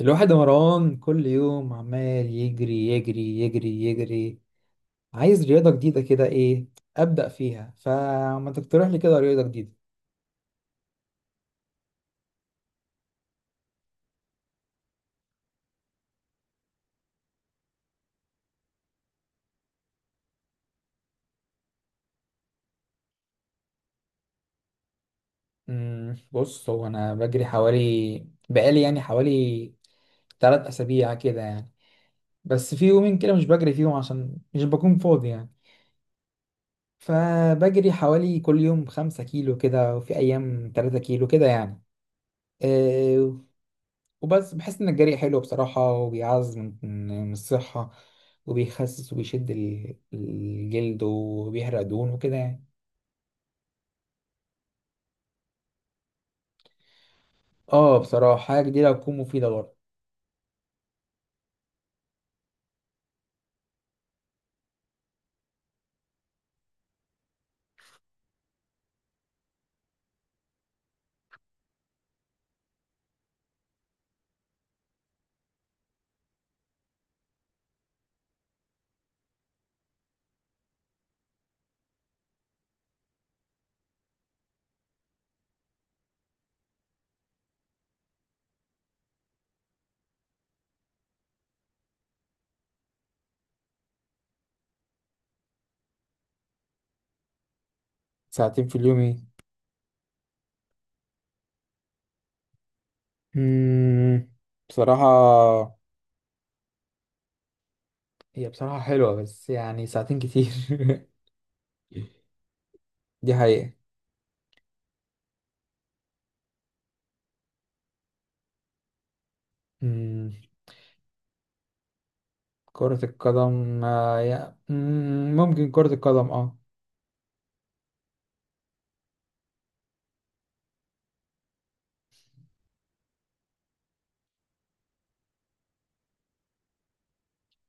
الواحد يا مروان كل يوم عمال يجري يجري يجري يجري، عايز رياضة جديدة كده. ايه أبدأ فيها؟ فما تقترح لي كده رياضة جديدة؟ بص، هو أنا بجري بقالي يعني حوالي 3 أسابيع كده يعني. بس في يومين كده مش بجري فيهم عشان مش بكون فاضي يعني. فبجري حوالي كل يوم 5 كيلو كده، وفي أيام 3 كيلو كده يعني. آه، وبس بحس إن الجري حلو بصراحة، وبيعز من الصحة، وبيخسس وبيشد الجلد، وبيحرق دهون وكده يعني. اه بصراحة، حاجة جديدة هتكون مفيدة برضه. ساعتين في اليوم ايه؟ مم، بصراحة، هي بصراحة حلوة، بس يعني ساعتين كتير. دي حقيقة. مم، كرة القدم، ممكن كرة القدم، اه.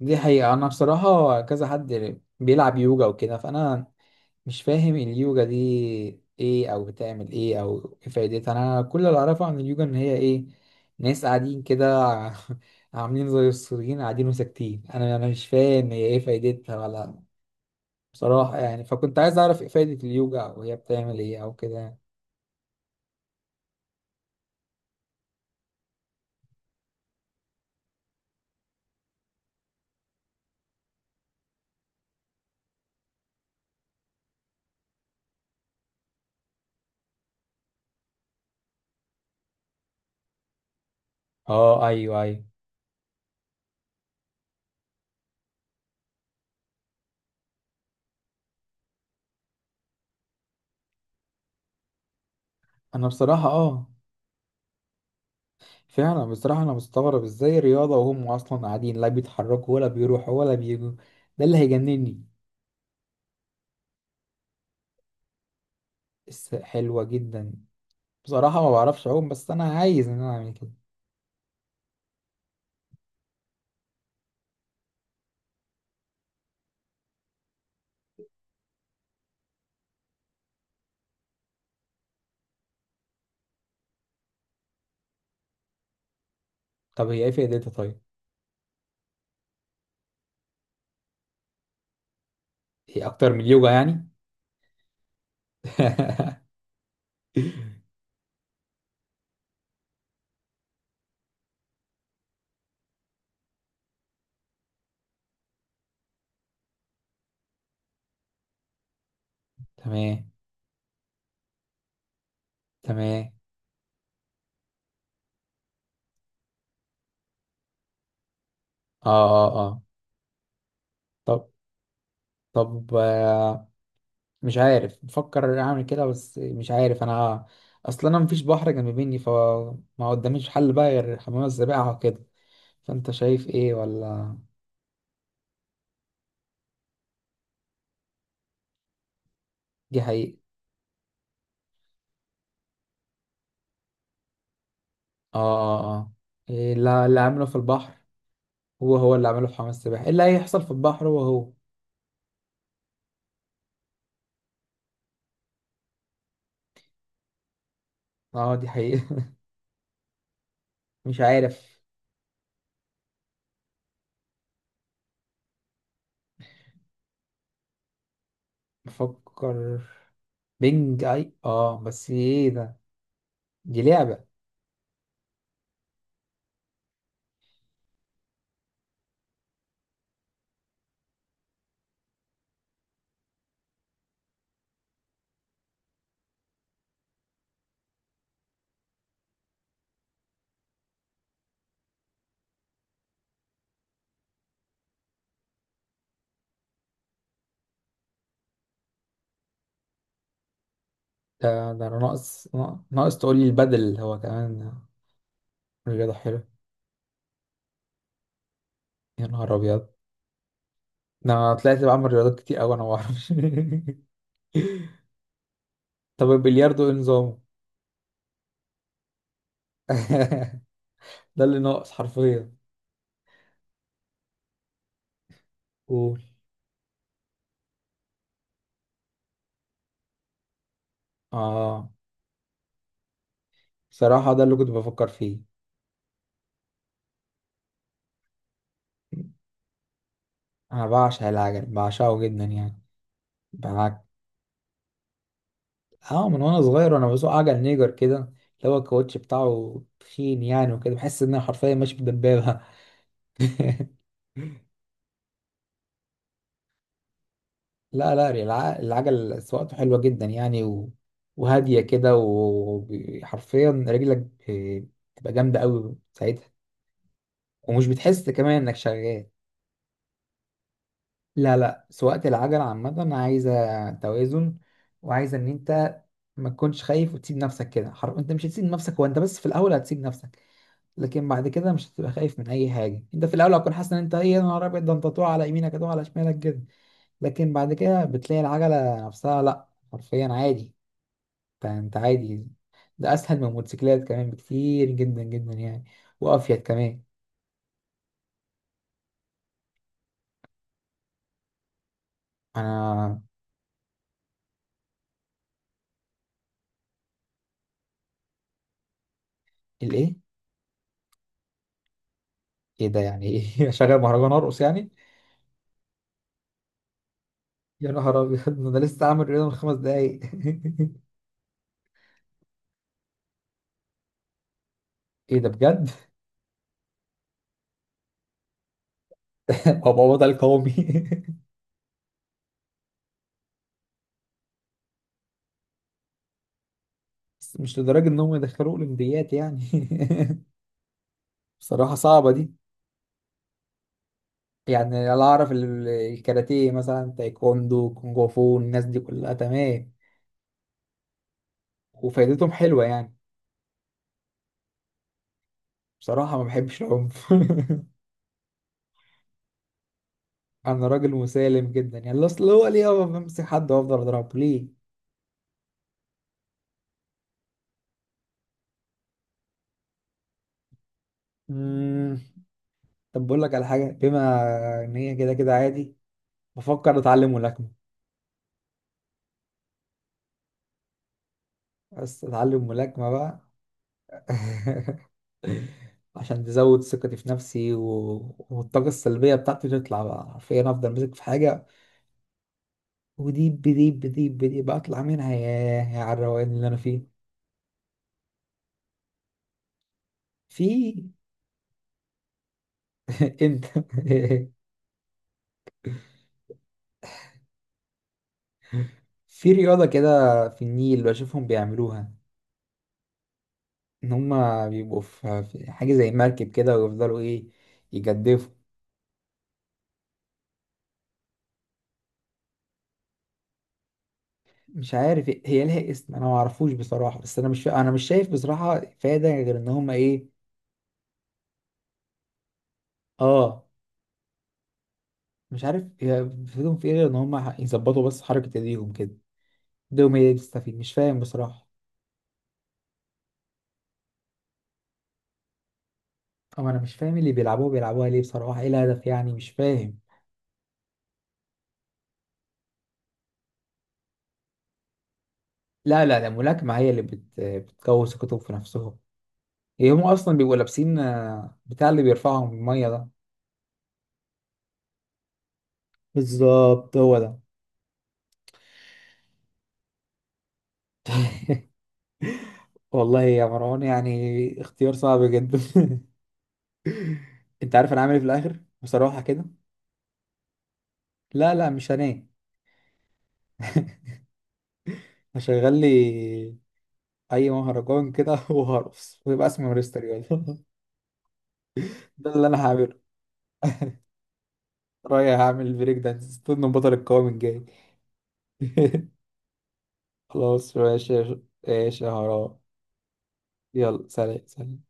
دي حقيقة. أنا بصراحة كذا حد بيلعب يوجا وكده، فأنا مش فاهم اليوجا دي ايه، او بتعمل ايه، او ايه فايدتها. انا كل اللي اعرفه عن اليوجا ان هي ايه، ناس قاعدين كده عاملين زي السوريين قاعدين وساكتين. انا مش فاهم هي ايه فايدتها ولا بصراحة يعني، فكنت عايز اعرف ايه فايدة اليوجا او هي بتعمل ايه او كده. اه، ايوه ايوه. انا بصراحة اه، فعلا بصراحة انا مستغرب ازاي رياضة وهم اصلا قاعدين لا بيتحركوا ولا بيروحوا ولا بيجوا. ده اللي هيجنني. بس حلوة جدا. بصراحة ما بعرفش أعوم، بس أنا عايز إن أنا أعمل كده. طب هي إيه فائدتها طيب؟ هي أكتر من اليوجا يعني؟ تمام تمام. آه آه آه. طب. طب آه، مش عارف، بفكر أعمل كده بس مش عارف أنا. أصلا أنا مفيش بحر جنب مني، فما قداميش حل بقى غير حمام السباحة وكده. فأنت شايف إيه ولا؟ دي حقيقة؟ آه آه آه. إيه اللي عمله في البحر، هو هو اللي عمله في حمام السباحة، إيه اللي هيحصل في البحر؟ هو هو. آه دي حقيقة. مش عارف. بفكر. بينج اي، اه بس ايه ده؟ دي لعبة؟ ده ده انا ناقص، ناقص تقول لي البدل هو كمان. رياضة حلوة. يا نهار ابيض، ده انا طلعت بعمل رياضات كتير اوي انا ما اعرفش. طب البلياردو ايه نظامه؟ ده اللي ناقص حرفيا. قول. اه، صراحة ده اللي كنت بفكر فيه. انا بعشق العجل، بعشقه جدا يعني. اه، من وانا صغير وانا بسوق عجل نيجر كده، اللي هو الكاوتش بتاعه تخين يعني وكده، بحس ان انا حرفيا ماشي بدبابه. لا لا، العجل سواقته حلوه جدا يعني. وهاديه كده، وحرفيا رجلك ب- بتبقى جامده قوي ساعتها، ومش بتحس كمان انك شغال. لا لا، سواقة العجل عامة عايزة توازن، وعايزة ان انت ما تكونش خايف وتسيب نفسك كده انت مش هتسيب نفسك، هو انت بس في الاول هتسيب نفسك، لكن بعد كده مش هتبقى خايف من اي حاجه. انت في الاول هتكون حاسس ان انت ايه، يا نهار ابيض، ده انت طوع على يمينك هتقع على شمالك كده، لكن بعد كده بتلاقي العجله نفسها لا حرفيا عادي. انت عادي. ده اسهل من الموتوسيكلات كمان بكتير، جدا جدا يعني. وافيد كمان. انا. الايه؟ ايه ده يعني ايه؟ اشغل مهرجان ارقص يعني؟ يا نهار ابيض، ده انا لسه عامل رياضه من 5 دقايق. ايه ده بجد؟ هبقى وضع القومي. بس مش لدرجه انهم يدخلوه اولمبيات يعني. بصراحه صعبه دي. يعني، لا اعرف الكاراتيه مثلا، تايكوندو، كونغ فو، الناس دي كلها تمام، وفايدتهم حلوة يعني. بصراحة ما بحبش العنف. انا راجل مسالم جدا يعني. اصل هو ليه أقف بمسك حد وافضل اضربه ليه؟ مم. طب بقول لك على حاجة. بما ان هي كده كده عادي، بفكر اتعلم ملاكمة. بس اتعلم ملاكمة بقى. عشان تزود ثقتي في نفسي، والطاقة السلبية بتاعتي تطلع بقى، حرفيا افضل ماسك في حاجة وديب بديب بديب بديب بطلع منها، ياه يا على الروقان اللي انا فيه. في. انت. في رياضة كده في النيل بشوفهم بيعملوها، ان هما بيبقوا في حاجة زي مركب كده، ويفضلوا ايه، يجدفوا. مش عارف إيه، هي لها اسم انا ما اعرفوش بصراحة، بس انا مش فا... انا مش شايف بصراحة فايدة غير ان هما ايه. اه، مش عارف هي فيهم في ايه غير ان هما يظبطوا بس حركة ايديهم كده. ايديهم هي اللي بتستفيد. مش فاهم بصراحة. طب انا مش فاهم اللي بيلعبوها ليه بصراحه. ايه الهدف يعني مش فاهم. لا لا، ده الملاكمه هي اللي بتكوس الكتب في نفسهم. هي هم اصلا بيبقوا لابسين، بتاع اللي بيرفعهم الميه ده. بالظبط، هو ده. والله يا مروان يعني اختيار صعب جدا. انت عارف انا عامل ايه في الاخر بصراحه كده؟ لا لا مش هنام. هشغل لي اي مهرجان كده وهرقص ويبقى اسمي مارس رياضه. ده اللي انا هعمله. رايح هعمل بريك دانس طول من بطل القوام الجاي. خلاص، ماشي ماشي يا هراء. يلا سلام سلام.